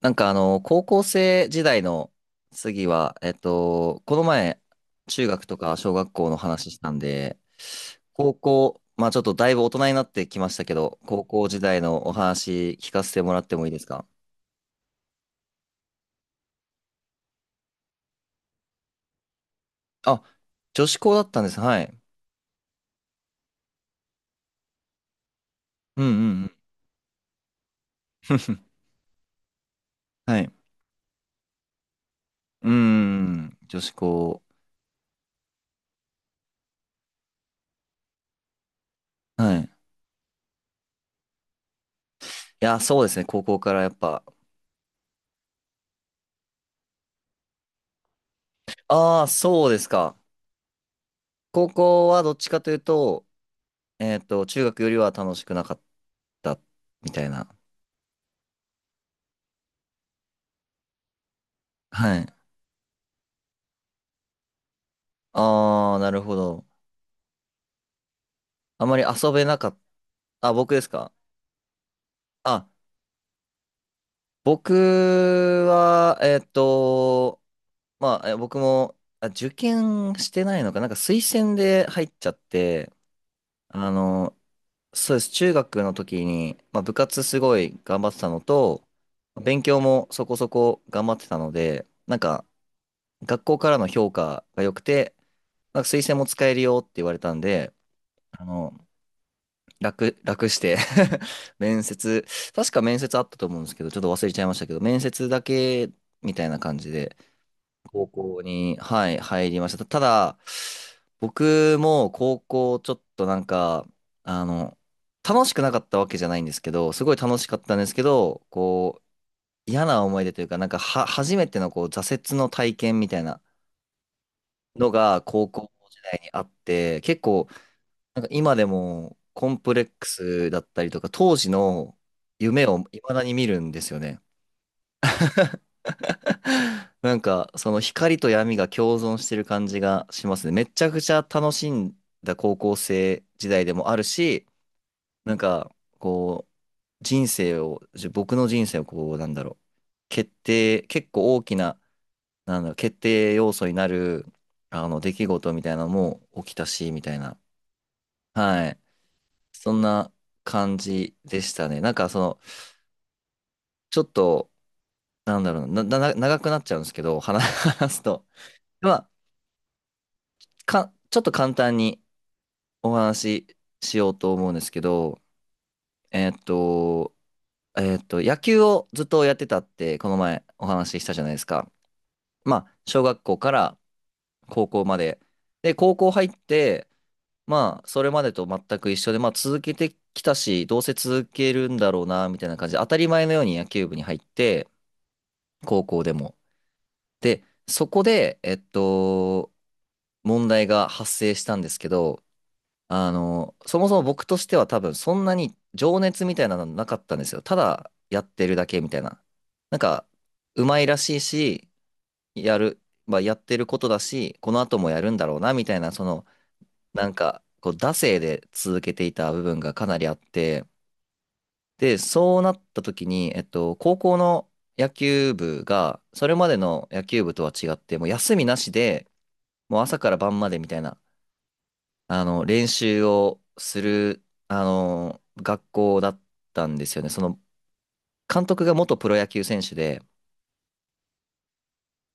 なんか高校生時代の次は、この前、中学とか小学校の話したんで、高校、まあちょっとだいぶ大人になってきましたけど、高校時代のお話聞かせてもらってもいいですか？あ、女子校だったんです。はい。うんうんうん。はい。うん、女子校。はい。いや、そうですね、高校からやっぱ。ああ、そうですか。高校はどっちかというと、中学よりは楽しくなかったみたいな。はい。ああ、なるほど。あまり遊べなかった。あ、僕ですか？あ、僕は、まあ、僕も、あ、受験してないのか。なんか推薦で入っちゃって、あの、そうです。中学の時に、まあ、部活すごい頑張ってたのと、勉強もそこそこ頑張ってたので、なんか、学校からの評価が良くて、なんか推薦も使えるよって言われたんで、あの、楽して 面接、確か面接あったと思うんですけど、ちょっと忘れちゃいましたけど、面接だけみたいな感じで、高校に、はい、入りました。ただ、僕も高校ちょっとなんか、あの、楽しくなかったわけじゃないんですけど、すごい楽しかったんですけど、こう、嫌な思い出というか、なんかは、初めてのこう、挫折の体験みたいなのが高校時代にあって、結構なんか今でもコンプレックスだったりとか、当時の夢を未だに見るんですよね。なんかその光と闇が共存してる感じがしますね。めちゃくちゃ楽しんだ高校生時代でもあるし、なんかこう人生を、僕の人生をこうなんだろう、決定、結構大きな、なんだろう、決定要素になるあの出来事みたいなのも起きたし、みたいな。はい。そんな感じでしたね。なんかその、ちょっと、なんだろうな、長くなっちゃうんですけど、話 話すと。まあ、ちょっと簡単にお話ししようと思うんですけど、えーっと、野球をずっとやってたって、この前お話ししたじゃないですか。まあ、小学校から高校まで。で、高校入って、まあ、それまでと全く一緒で、まあ、続けてきたし、どうせ続けるんだろうな、みたいな感じで、当たり前のように野球部に入って、高校でも。で、そこで、問題が発生したんですけど、そもそも僕としては多分そんなに情熱みたいなのなかったんですよ。ただやってるだけみたいな。なんか、うまいらしいし、やる、まあ、やってることだし、この後もやるんだろうな、みたいな、その、なんか、こう、惰性で続けていた部分がかなりあって、で、そうなった時に、高校の野球部が、それまでの野球部とは違って、もう休みなしで、もう朝から晩までみたいな、練習をする、学校だったんですよね。その、監督が元プロ野球選手で、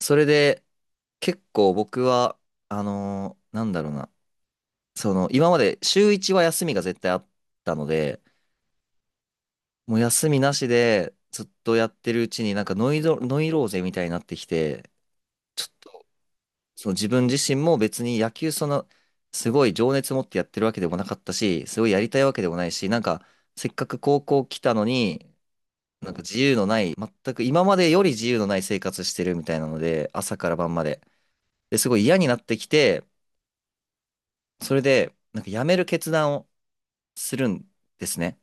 それで、結構僕は、なんだろうな、その、今まで週1は休みが絶対あったので、もう休みなしで、ずっとやってるうちになんかノイローゼみたいになってきて、その自分自身も別に野球その、すごい情熱持ってやってるわけでもなかったし、すごいやりたいわけでもないし、なんか、せっかく高校来たのに、なんか自由のない、全く今までより自由のない生活してるみたいなので、朝から晩まで。で、すごい嫌になってきて、それで、なんか辞める決断をするんですね。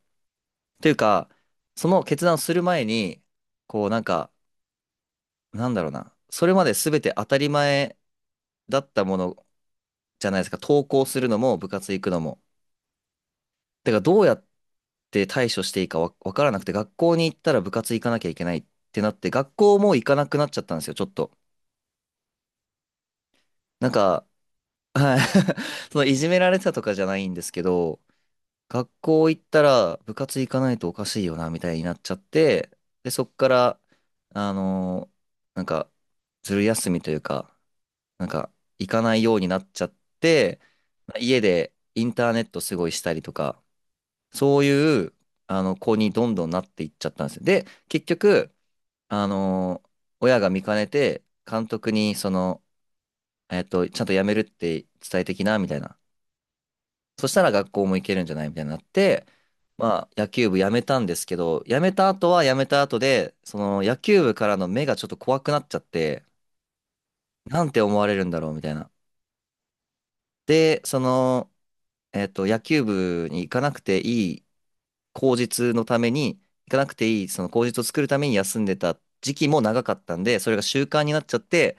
というか、その決断をする前に、こうなんか、なんだろうな、それまで全て当たり前だったものじゃないですか、登校するのも部活行くのも。てかどうやって対処していいかわからなくて、学校に行ったら部活行かなきゃいけないってなって、学校も行かなくなっちゃったんですよ、ちょっと。なんか、はい。そのいじめられてたとかじゃないんですけど、学校行ったら部活行かないとおかしいよな、みたいになっちゃって、で、そっから、あのーなんか、ずる休みというか、なんか、行かないようになっちゃって、家でインターネットすごいしたりとか、そういう、子にどんどんなっていっちゃったんですよ。で、結局、あのー親が見かねて、監督に、その、ちゃんと辞めるって伝えてきな、みたいな。そしたら学校も行けるんじゃないみたいになって、まあ、野球部辞めたんですけど、辞めた後は辞めた後で、その、野球部からの目がちょっと怖くなっちゃって、なんて思われるんだろう、みたいな。で、その、野球部に行かなくていい口実のために、行かなくていい、その口実を作るために休んでた時期も長かったんで、それが習慣になっちゃって、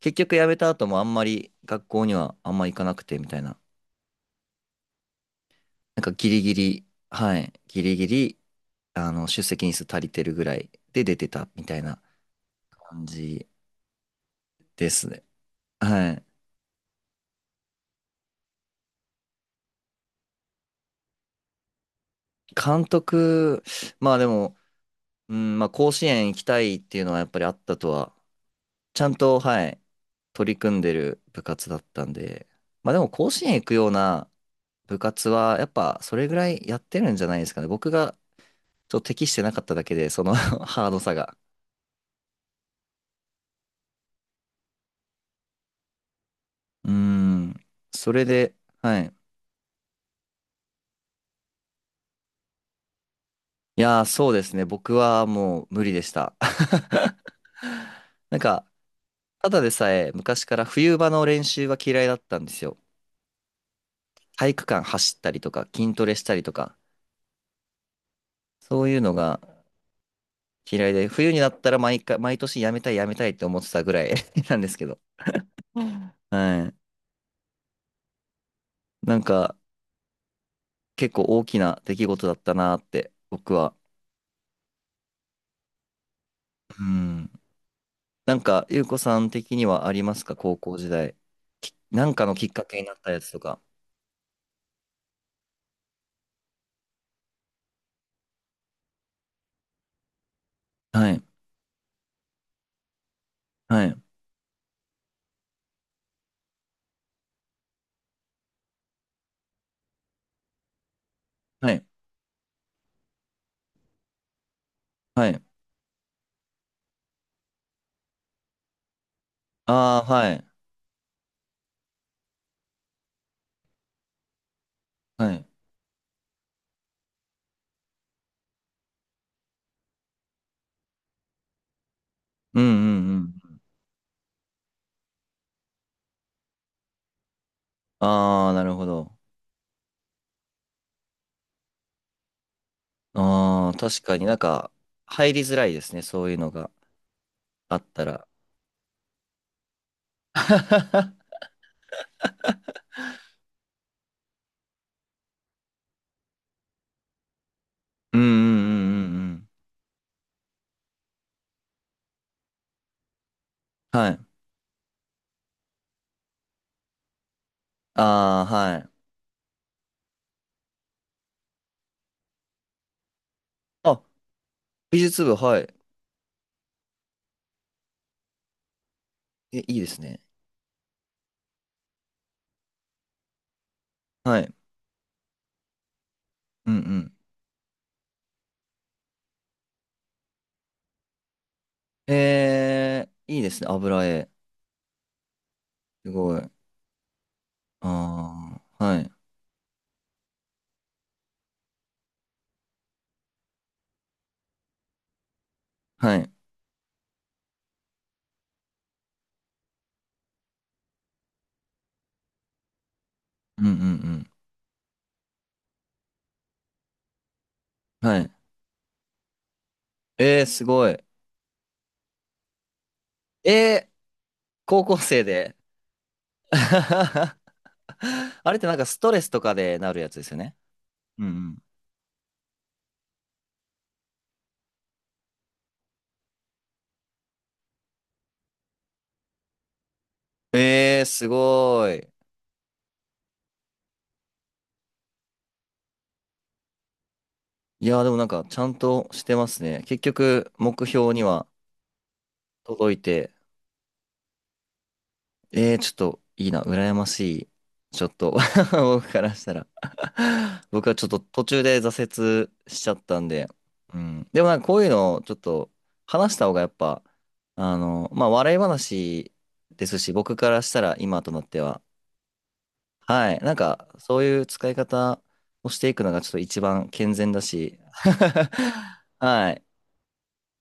結局辞めた後もあんまり学校にはあんま行かなくてみたいな。なんかギリギリ、はい、ギリギリ、出席日数足りてるぐらいで出てたみたいな感じですね。はい。監督、まあでも、うん、まあ甲子園行きたいっていうのはやっぱりあったとはちゃんと、はい、取り組んでる部活だったんで、まあでも甲子園行くような部活は、やっぱそれぐらいやってるんじゃないですかね。僕がちょっと適してなかっただけで、その ハードさが。うーん、それで、はい。いやー、そうですね。僕はもう無理でした。なんか、ただでさえ昔から冬場の練習は嫌いだったんですよ。体育館走ったりとか、筋トレしたりとか、そういうのが嫌いで、冬になったら毎回、毎年やめたいやめたいって思ってたぐらい なんですけど。はい。なんか、結構大きな出来事だったなって、僕は。うん。なんか、ゆうこさん的にはありますか高校時代。きなんかのきっかけになったやつとか。はい。はい。はい。はい。ああ、はい。はい。うんうんうん。ああ、なるほど。ああ、確かになんか、入りづらいですね。そういうのがあったら。うんうんうんうんうん。はい。ああ、はい。あ、美術部、はい。え、いいですね。はい。うんうんえー、いいですね。油絵。すごい。ああ、はい。はい。うんうんうん。はい。えー、すごい。えー、高校生で。あれってなんかストレスとかでなるやつですよね。うんうん。えー、すごい。いやー、でもなんかちゃんとしてますね。結局、目標には届いて。えー、ちょっといいな、羨ましい。ちょっと 僕からしたら 僕はちょっと途中で挫折しちゃったんで、うん。でもなんかこういうのをちょっと話した方がやっぱ、まあ笑い話ですし、僕からしたら今となっては、はい。なんかそういう使い方をしていくのがちょっと一番健全だし、はい。